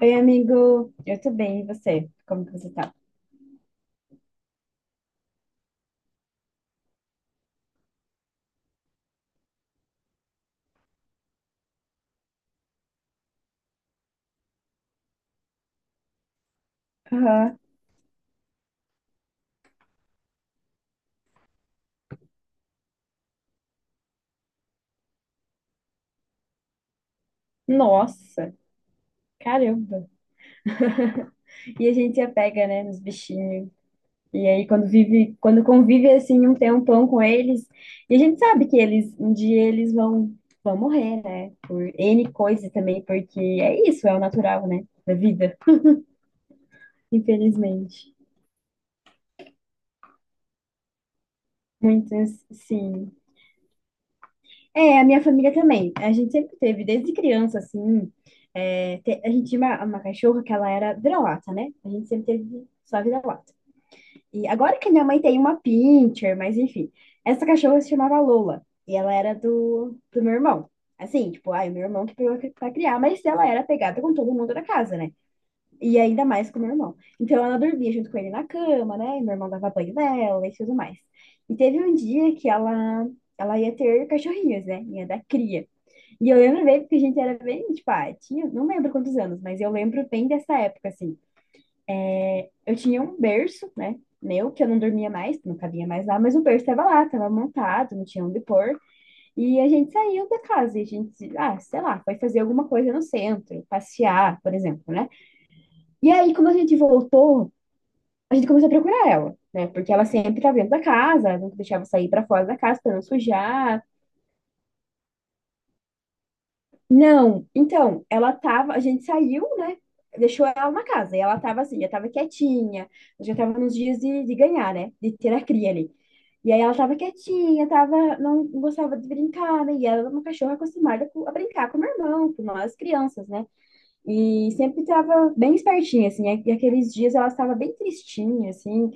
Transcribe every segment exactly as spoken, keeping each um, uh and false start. Oi, amigo. Eu tô bem, e você? Como que você tá? Aham. Nossa, caramba. E a gente apega, né, nos bichinhos. E aí, quando vive, quando convive assim um tempão com eles, e a gente sabe que eles, um dia eles vão, vão morrer, né? Por ene coisa também, porque é isso, é o natural, né? Da vida, infelizmente. Muitas, sim. É, a minha família também. A gente sempre teve, desde criança, assim. É, te- a gente tinha uma, uma cachorra que ela era vira-lata, né? A gente sempre teve só vira-lata. E agora que minha mãe tem uma pincher, mas enfim. Essa cachorra se chamava Lola. E ela era do, do meu irmão. Assim, tipo, ai, meu irmão que pegou pra criar, mas ela era pegada com todo mundo da casa, né? E ainda mais com meu irmão. Então ela dormia junto com ele na cama, né? E meu irmão dava banho nela e tudo mais. E teve um dia que ela, ela ia ter cachorrinhos, né? Ia dar cria. E eu lembro bem, porque a gente era bem, tipo, ah, tinha, não lembro quantos anos, mas eu lembro bem dessa época, assim. Eu tinha um berço, né? Meu, que eu não dormia mais, não cabia mais lá, mas o berço estava lá, estava montado, não tinha onde pôr. E a gente saiu da casa e a gente, ah, sei lá, foi fazer alguma coisa no centro, passear, por exemplo, né? E aí, quando a gente voltou, a gente começou a procurar ela, né? Porque ela sempre estava dentro da casa, nunca deixava eu sair para fora da casa para não sujar. Não, então, ela tava, a gente saiu, né? Deixou ela na casa, e ela tava assim, já tava quietinha, já tava nos dias de, de ganhar, né? De ter a cria ali. E aí ela tava quietinha, tava, não gostava de brincar, né? E ela era uma cachorra acostumada com- a brincar com o meu irmão, com nós crianças, né? E sempre estava bem espertinha, assim. E aqueles dias ela estava bem tristinha, assim.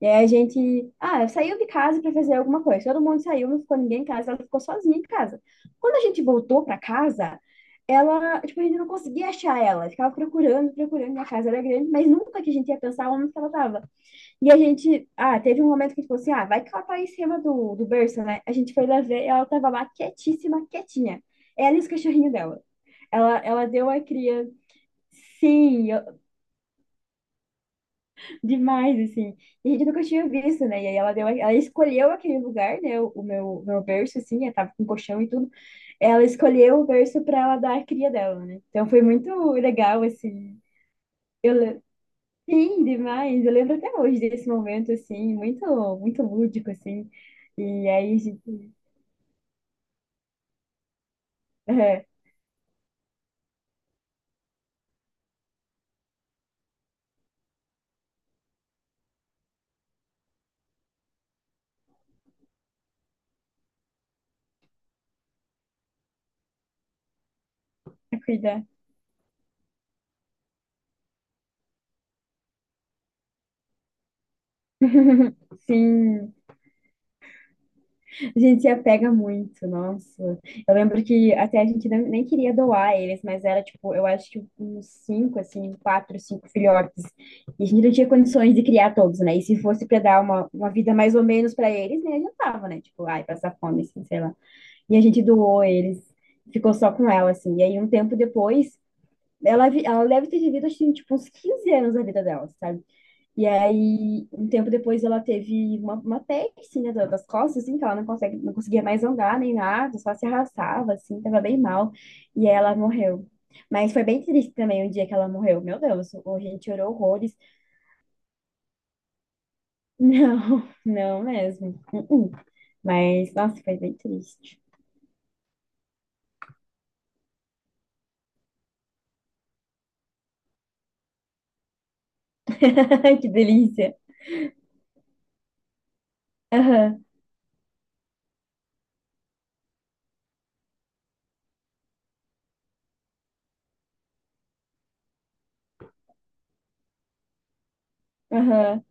E aí a gente, ah, saiu de casa para fazer alguma coisa. Todo mundo saiu, não ficou ninguém em casa, ela ficou sozinha em casa. Quando a gente voltou para casa, ela, tipo, a gente não conseguia achar ela. Ficava procurando, procurando. Minha casa era grande, mas nunca que a gente ia pensar onde que ela estava. E a gente, ah, teve um momento que a gente falou assim, ah, vai que ela tá aí em cima do, do berço, né? A gente foi lá ver, e ela estava lá quietíssima, quietinha. Ela e os cachorrinhos dela. Ela, ela deu a cria. Sim, eu- demais, assim. E a gente nunca tinha visto, né? E aí ela deu, ela escolheu aquele lugar, né? O o meu, meu berço, assim, eu tava com colchão e tudo. Ela escolheu o berço pra ela dar a cria dela, né? Então foi muito legal, assim. Eu, le- sim, demais. Eu lembro até hoje desse momento, assim, muito, muito lúdico, assim. E aí, a gente, é, a cuidar. Sim. A gente se apega muito, nossa. Eu lembro que até a gente nem nem queria doar eles, mas era tipo, eu acho que uns cinco, assim, quatro, cinco filhotes. E a gente não tinha condições de criar todos, né? E se fosse para dar uma, uma vida mais ou menos para eles, nem adiantava, né? Tipo, ai, passar fome, assim, sei lá. E a gente doou eles, ficou só com ela, assim. E aí, um tempo depois, ela, vi- ela deve ter vivido, acho que, tipo, uns quinze anos a vida dela, sabe? E aí, um tempo depois, ela teve uma, uma peste, né, da- das costas, assim, que ela não consegue, não conseguia mais andar nem nada, só se arrastava, assim, tava bem mal. E aí ela morreu. Mas foi bem triste também o dia que ela morreu. Meu Deus, o- a gente chorou horrores. Não, não mesmo. Uh-uh. Mas, nossa, foi bem triste. Que delícia. Aham, aham.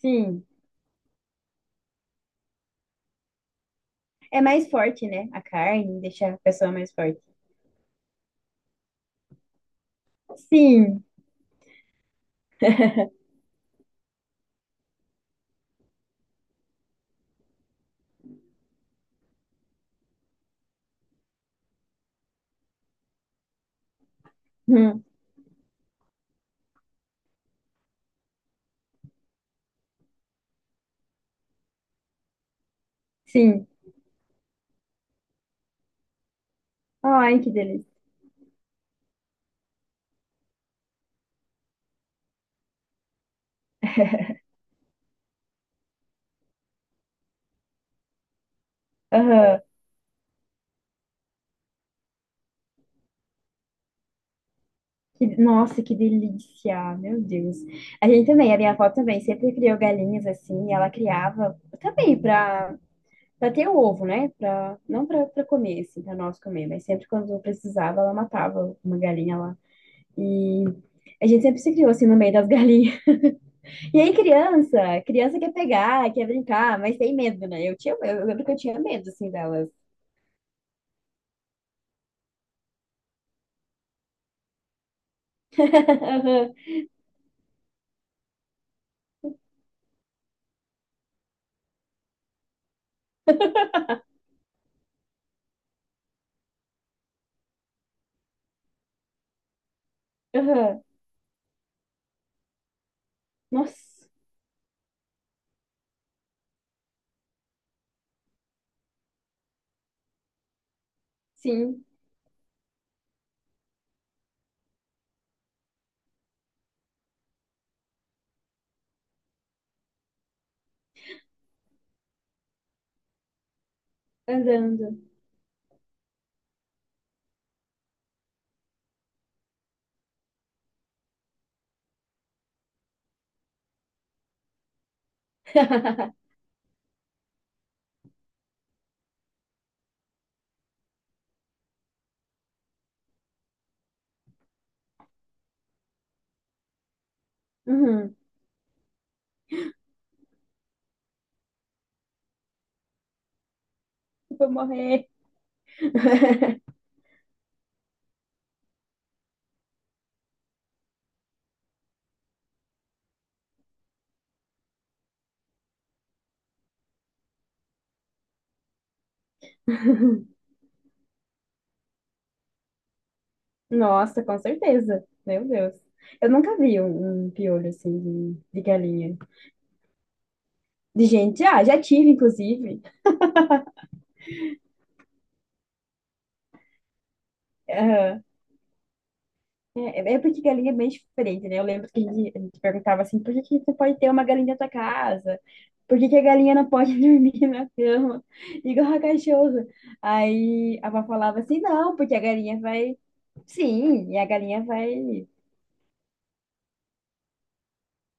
Sim. É mais forte, né? A carne deixa a pessoa mais forte. Sim. Hum. Sim. Ai, que delícia. Aham. Que- Nossa, que delícia, meu Deus. A gente também, a minha avó também sempre criou galinhas assim, e ela criava também para para ter o ovo, né? Pra, não para para comer, assim, para nós comer, mas sempre quando precisava, ela matava uma galinha lá. E a gente sempre se criou assim no meio das galinhas. E aí, criança, criança quer pegar, quer brincar, mas tem medo, né? Eu tinha, eu lembro que eu tinha medo assim delas. Aham, aham. Nossa, sim, andando. Uhum. Vou morrer. Nossa, com certeza. Meu Deus. Eu nunca vi um, um piolho assim de, de galinha. De gente, ah, já tive, inclusive. Aham. É, é é porque galinha é bem diferente, né? Eu lembro que a gente, a gente perguntava assim, por que que você pode ter uma galinha na tua casa? Por que que a galinha não pode dormir na cama? Igual a cachorro. Aí a avó falava assim, não, porque a galinha vai. Sim, e a galinha vai.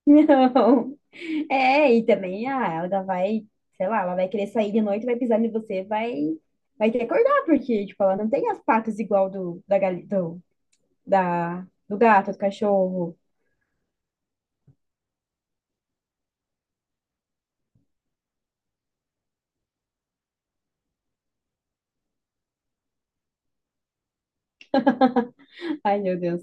É, e também, ah, ela vai, sei lá, ela vai querer sair de noite, vai pisar em você, vai, vai ter que acordar, porque, tipo, ela não tem as patas igual do, da, gali- do, da, do gato, do cachorro. Ai, meu Deus.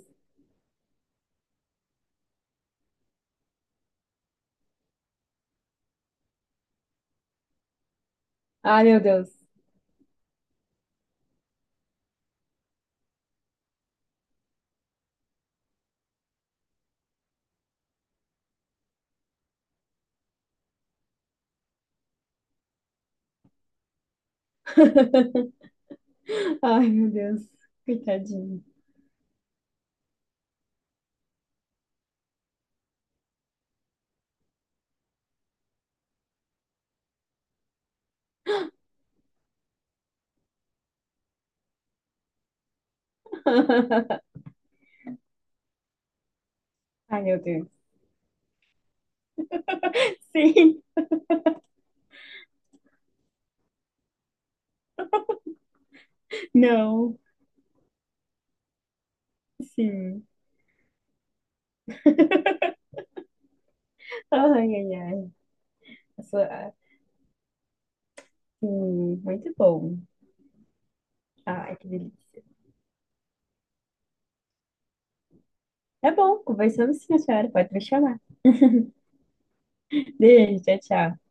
Ai, meu Deus. Ai, meu Deus. Coitadinho. Ai, meu Deus. Sim. Não. Sim. Ai, ai, ai. A sua- ah, Sim, muito bom. Ai, que delícia. Tá bom, conversamos sim, a senhora. Pode me chamar. Beijo, tchau, tchau.